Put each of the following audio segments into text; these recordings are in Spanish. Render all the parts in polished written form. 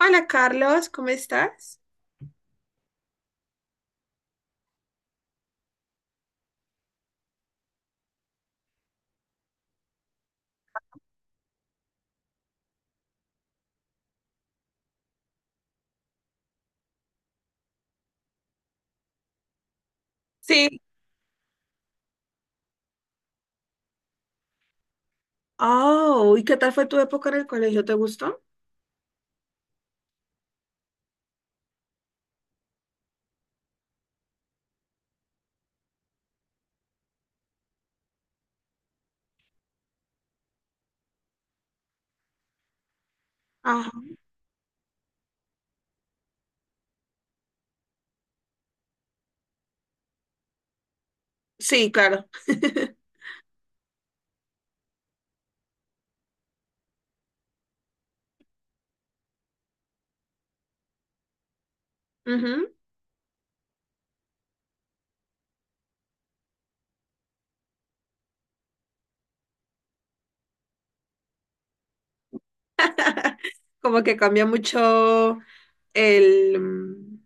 Hola Carlos, ¿cómo estás? Sí. Oh, ¿y qué tal fue tu época en el colegio? ¿Te gustó? Ajá. Sí, claro. Ujú. Como que cambia mucho el,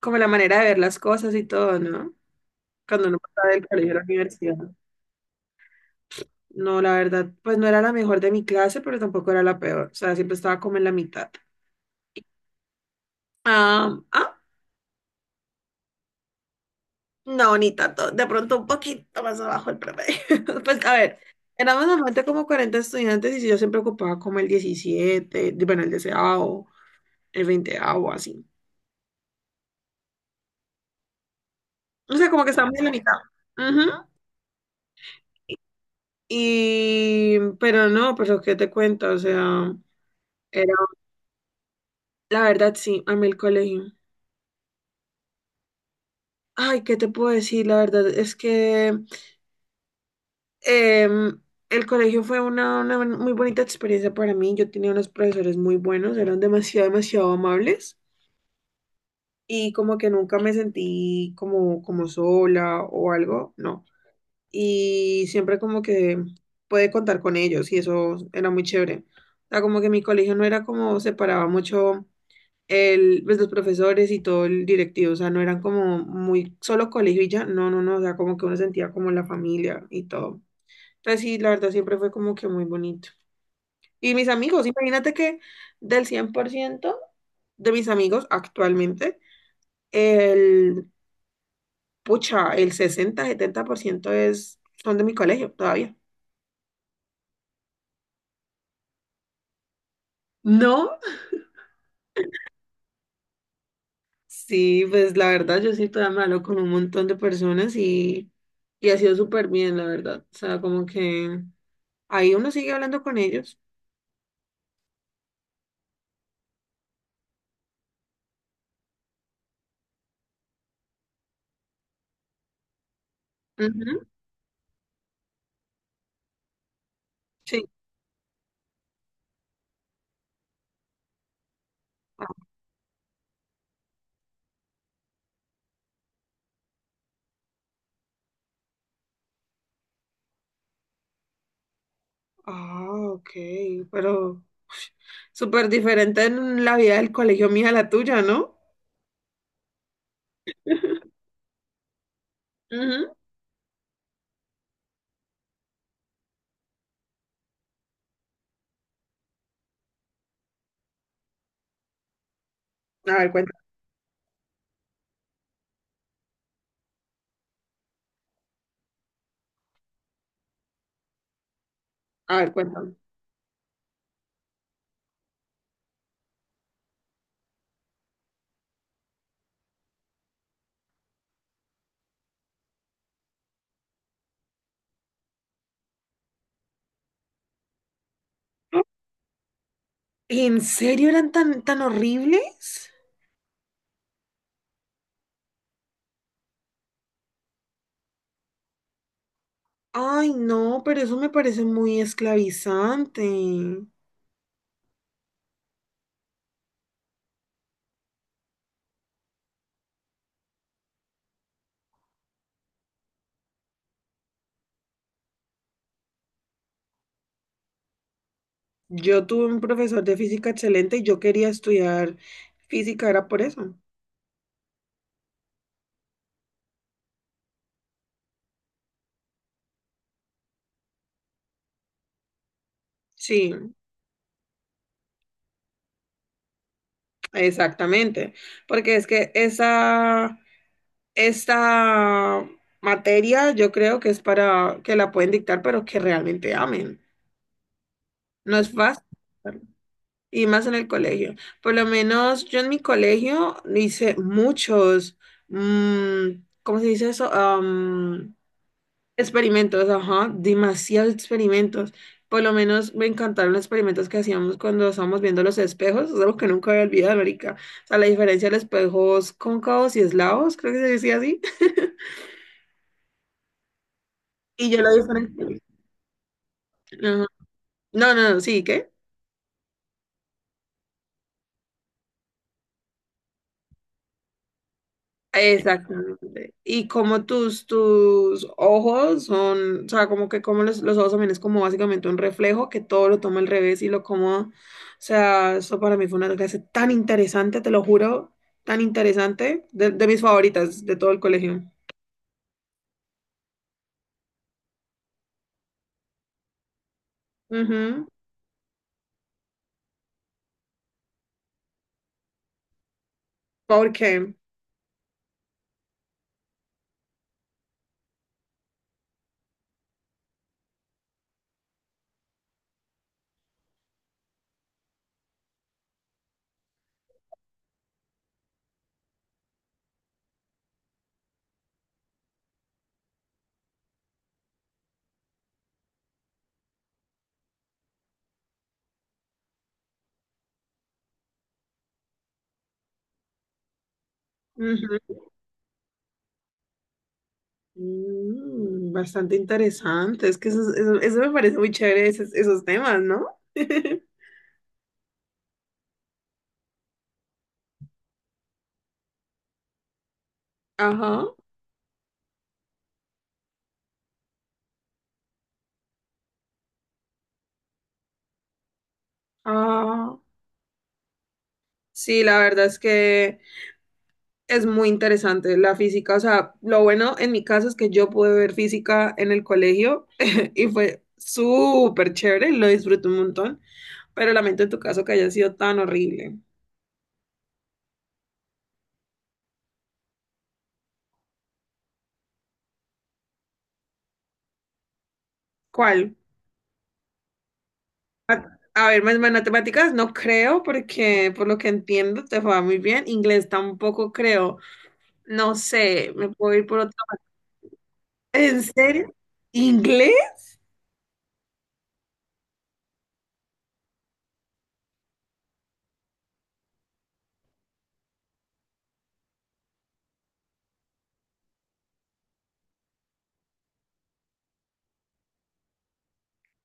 como la manera de ver las cosas y todo, ¿no? Cuando uno pasa del colegio a la universidad. No, la verdad, pues no era la mejor de mi clase, pero tampoco era la peor. O sea, siempre estaba como en la mitad. Ah, ah, no, ni tanto. De pronto un poquito más abajo el promedio. Pues a ver, éramos normalmente como 40 estudiantes y sí, yo siempre ocupaba como el 17 bueno, el deseado, el 20º así. O sea, como que ah, estábamos en la no. mitad. Ujú. Y, pero no, pero ¿qué te cuento? O sea, era, la verdad, sí, a mí el colegio. Ay, ¿qué te puedo decir? La verdad es que Em, el colegio fue una muy bonita experiencia para mí. Yo tenía unos profesores muy buenos, eran demasiado, demasiado amables y como que nunca me sentí como sola o algo, no. Y siempre como que pude contar con ellos y eso era muy chévere. O sea, como que mi colegio no era como separaba mucho el, pues, los profesores y todo el directivo, o sea, no eran como muy solo colegio y ya, no, no, no, o sea, como que uno sentía como la familia y todo. Entonces sí la verdad, siempre fue como que muy bonito. Y mis amigos, imagínate que del 100% de mis amigos actualmente, el, pucha, el 60 70% es, son de mi colegio todavía. No, sí, pues la verdad, yo sí todavía me hablo con un montón de personas y ha sido súper bien, la verdad. O sea, como que ahí uno sigue hablando con ellos. Ujú, sí. Ah, ok, pero súper diferente en la vida del colegio mía a la tuya, ¿no? Ujú. A ver, cuéntame, a ver, cuéntame. ¿En serio eran tan, tan horribles? Ay, no, pero eso me parece muy esclavizante. Yo tuve un profesor de física excelente y yo quería estudiar física, era por eso. Sí, exactamente. Porque es que esta materia yo creo que es para que la pueden dictar, pero que realmente amen. No es fácil. Y más en el colegio. Por lo menos yo en mi colegio hice muchos, mm, ¿cómo se dice eso? Experimentos, ajá, demasiados experimentos. Por lo menos me encantaron los experimentos que hacíamos cuando estábamos viendo los espejos, es algo que nunca voy a olvidar, marica. O sea, la diferencia de los espejos cóncavos y eslavos, creo que se decía así. Y yo la diferencia. No, no, no, sí, ¿qué? Exactamente. Y como tus ojos son, o sea, como que como los ojos también es como básicamente un reflejo que todo lo toma al revés y lo como, o sea, eso para mí fue una clase tan interesante, te lo juro, tan interesante, de mis favoritas de todo el colegio. Ujú, Porque, ujú, bastante interesante, es que eso me parece muy chévere, esos temas, ¿no? Ajá. Ah. Sí, la verdad es que es muy interesante la física. O sea, lo bueno en mi caso es que yo pude ver física en el colegio y fue súper chévere, lo disfruté un montón, pero lamento en tu caso que haya sido tan horrible. ¿Cuál? A ver, más matemáticas no creo porque por lo que entiendo te va muy bien. Inglés tampoco creo. No sé, me puedo ir por otro. ¿En serio? ¿Inglés?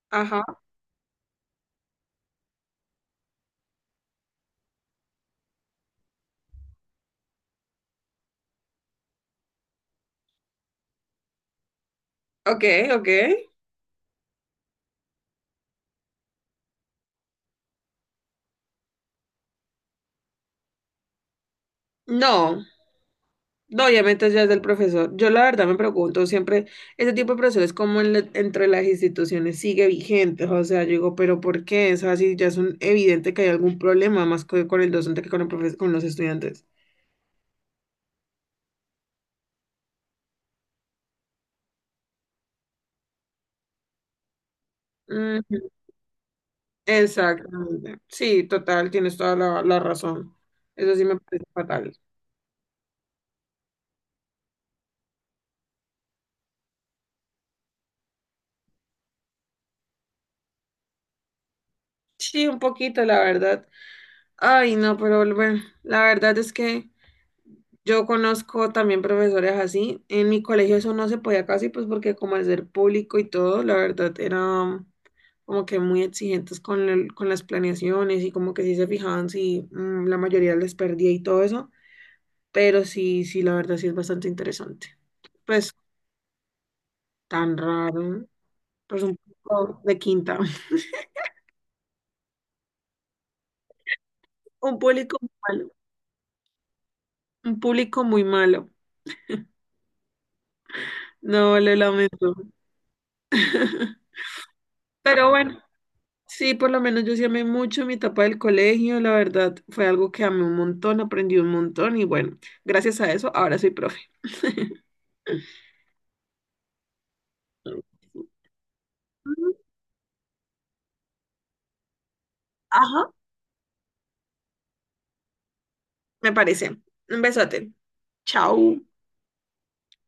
Ajá. Ok, ok. No. No, obviamente ya es del profesor. Yo la verdad me pregunto siempre, ese tipo de profesores como entre las instituciones sigue vigente, o sea, yo digo, pero ¿por qué? O sea, si ya es evidente que hay algún problema más con el docente que con los estudiantes. Ujú, exactamente. Sí, total, tienes toda la razón. Eso sí me parece fatal. Sí, un poquito, la verdad. Ay, no, pero bueno, la verdad es que yo conozco también profesores así. En mi colegio eso no se podía casi, pues porque como al ser público y todo, la verdad era como que muy exigentes con, con las planeaciones y como que sí se fijaban si la mayoría les perdía y todo eso. Pero sí, sí, la verdad sí es bastante interesante. Pues tan raro, pues un público de quinta. Un público muy malo, un público muy malo. No, lo lamento. Pero bueno. Sí, por lo menos yo sí amé mucho mi etapa del colegio, la verdad fue algo que amé un montón, aprendí un montón y bueno, gracias a eso ahora soy profe. Ajá, me parece. Un besote. Chao.